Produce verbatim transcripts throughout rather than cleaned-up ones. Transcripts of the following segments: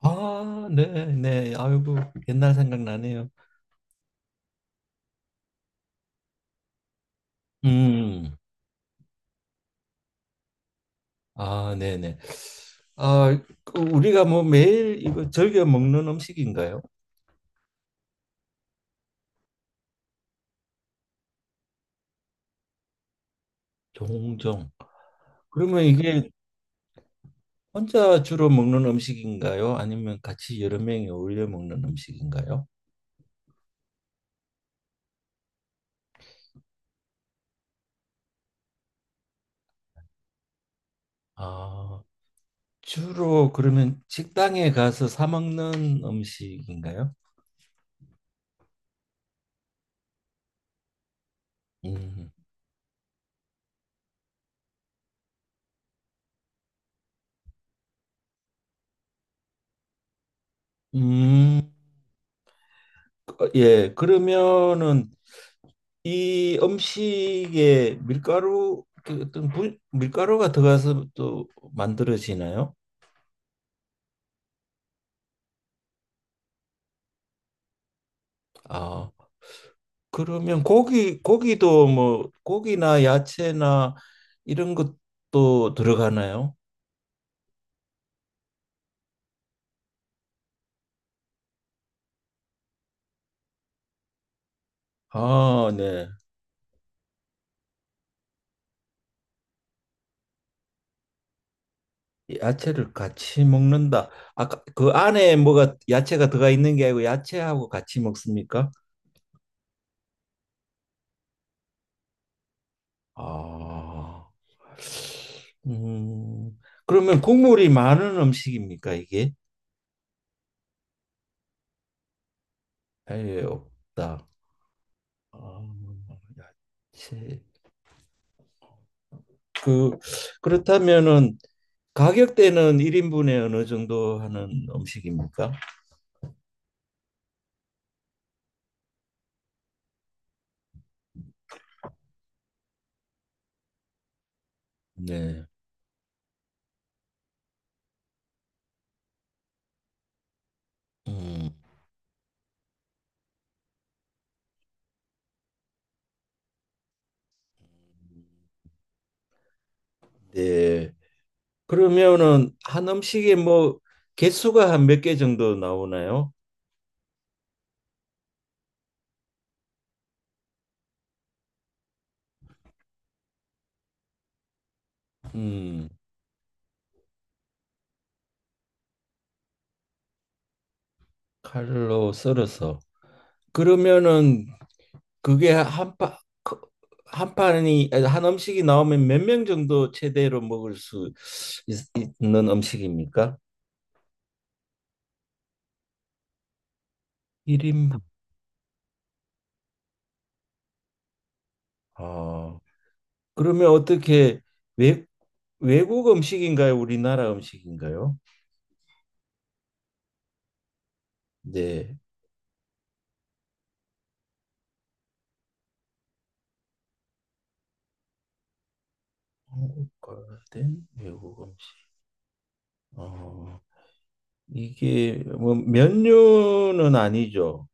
아, 네, 네. 아이고, 옛날 생각나네요. 음, 아, 네, 네. 아, 그 우리가 뭐 매일 이거 즐겨 먹는 음식인가요? 종종. 그러면 이게 혼자 주로 먹는 음식인가요? 아니면 같이 여러 명이 어울려 먹는 음식인가요? 아, 주로 그러면 식당에 가서 사 먹는 음식인가요? 음. 음. 어, 예. 그러면은 이 음식에 밀가루 그 어떤 분, 밀가루가 들어가서 또 만들어지나요? 아, 그러면 고기 고기도 뭐 고기나 야채나 이런 것도 들어가나요? 아, 네. 야채를 같이 먹는다. 아까 그 안에 뭐가 야채가 들어가 있는 게 아니고 야채하고 같이 먹습니까? 아. 음. 그러면 국물이 많은 음식입니까, 이게? 아예 없다. 아, 야, 채 그 그렇다면은 가격대는 일 인분에 어느 정도 하는 음식입니까? 네. 음. 네. 그러면은 한 음식에 뭐 개수가 한 몇 개 정도 나오나요? 음. 칼로 썰어서. 그러면은 그게 한 파, 그- 한 판이 아니, 한 음식이 나오면 몇 명 정도 최대로 먹을 수 있, 있는 음식입니까? 일 인분. 아. 그러면 어떻게 외, 외국 음식인가요? 우리나라 음식인가요? 네. 한국화된 외국 음식. 어, 이게 뭐 면류는 아니죠.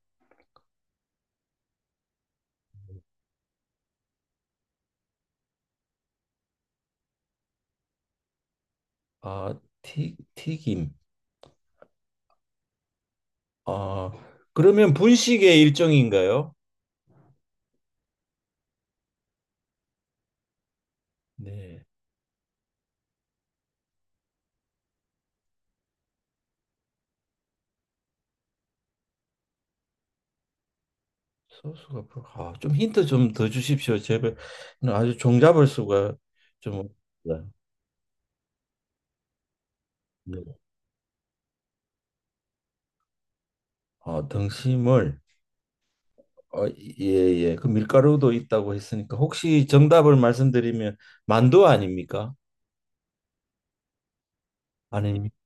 아, 튀, 튀김. 아, 그러면 분식의 일종인가요? 네. 소스가 불- 아, 좀 힌트 좀 더 주십시오. 제발. 아주 종잡을 수가 좀 없어요. 네. 어, 등심을 어, 예, 예. 그 밀가루도 있다고 했으니까 혹시 정답을 말씀드리면 만두 아닙니까? 아닙니까?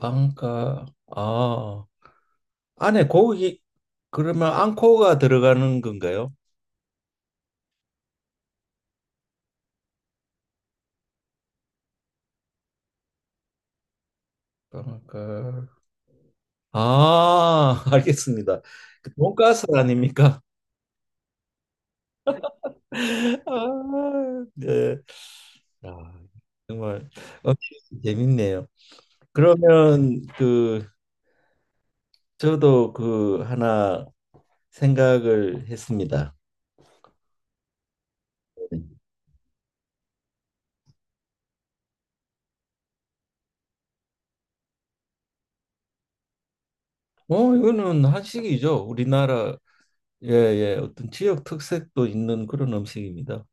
빵가 아, 안에 고기, 그러면 앙코가 들어가는 건가요? 빵가 아, 알겠습니다. 그 돈가스 아닙니까? 아, 네. 아, 정말 어, 재밌네요. 그러면 그 저도 그 하나 생각을 했습니다. 어, 이거는 한식이죠. 우리나라의 예, 어떤 지역 특색도 있는 그런 음식입니다.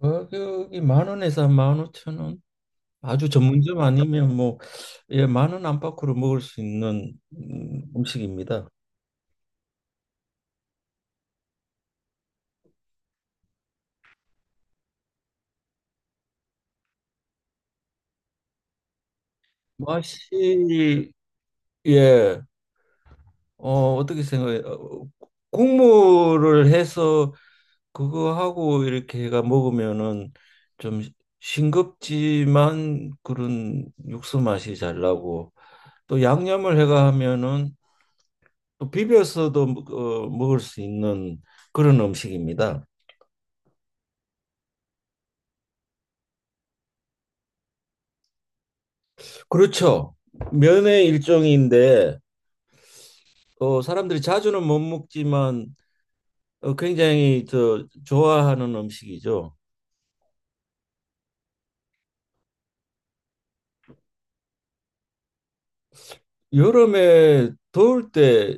가격이 만 원에서 만 오천 원. 아주 전문점 아니면 뭐, 예, 만 원 안팎으로 먹을 수 있는 음, 음식입니다. 맛이, 예, 어, 어떻게 생각해요? 어, 국물을 해서 그거하고 이렇게 해가 먹으면은 좀 싱겁지만 그런 육수 맛이 잘 나고 또 양념을 해가 하면은 또 비벼서도 뭐, 어, 먹을 수 있는 그런 음식입니다. 그렇죠. 면의 일종인데 어, 사람들이 자주는 못 먹지만 어, 굉장히 저 좋아하는 음식이죠. 여름에 더울 때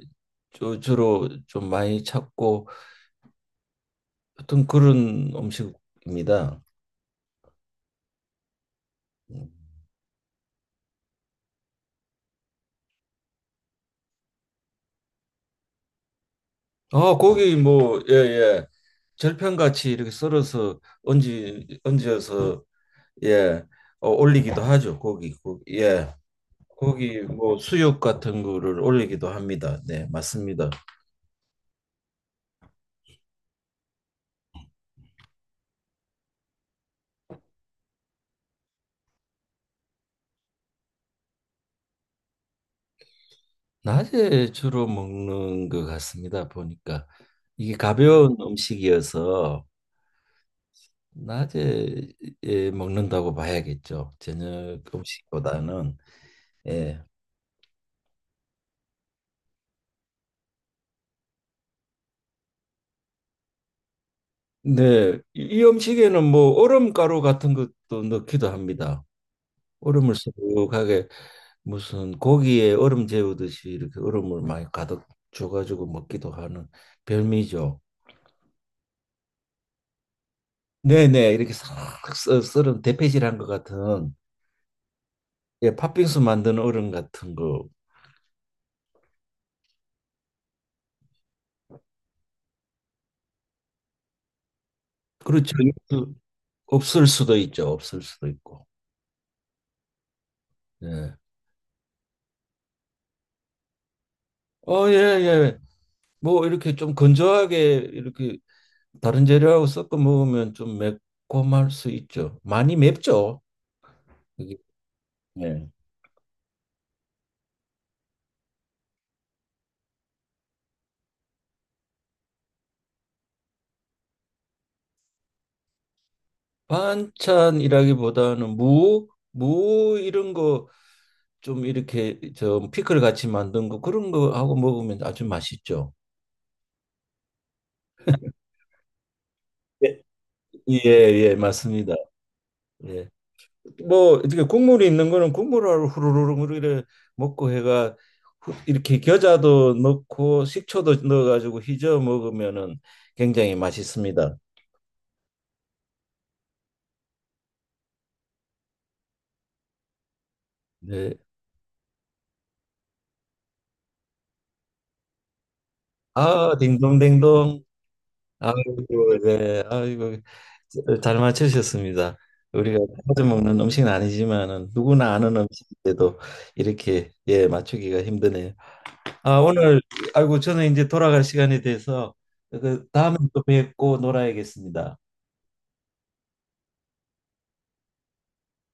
주- 주로 좀 많이 찾고 어떤 그런 음식입니다. 아, 고기 뭐 예, 예. 절편같이 이렇게 썰어서 얹지 얹어서 예, 어, 올리기도 하죠. 고기, 고기, 예, 고기 뭐 수육 같은 거를 올리기도 합니다. 네, 맞습니다. 낮에 주로 먹는 것 같습니다. 보니까 이게 가벼운 음식이어서 낮에 예, 먹는다고 봐야겠죠. 저녁 음식보다는 예. 네, 이, 이 음식에는 뭐 얼음가루 같은 것도 넣기도 합니다. 얼음을 수하게 무슨 고기에 얼음 재우듯이 이렇게 얼음을 많이 가득 줘가지고 먹기도 하는 별미죠. 네네 이렇게 싹 썰- 썰은 대패질한 것 같은 예 팥빙수 만드는 얼음 같은 거 그렇죠. 그 없을 수도 있죠. 없을 수도 있고. 예. 어, 예, 예. 뭐 이렇게 좀 건조하게 이렇게 다른 재료하고 섞어 먹으면 좀 매콤할 수 있죠. 많이 맵죠. 이게. 예. 반찬이라기보다는 무, 무 이런 거 좀 이렇게 저 피클 같이 만든 거 그런 거 하고 먹으면 아주 맛있죠. 예. 예, 예, 맞습니다. 예. 뭐 이렇게 국물이 있는 거는 국물을 후루룩 뭐 이렇게 먹고 해가 후- 이렇게 겨자도 넣고 식초도 넣어가지고 휘저어 먹으면은 굉장히 맛있습니다. 네. 아, 딩동댕동. 아이고, 네, 아이고, 잘 맞추셨습니다. 우리가 자주 먹는 음식은 아니지만은 누구나 아는 음식인데도 이렇게 예 맞추기가 힘드네요. 아 오늘 아이고 저는 이제 돌아갈 시간이 돼서 그 다음에 또 뵙고 놀아야겠습니다.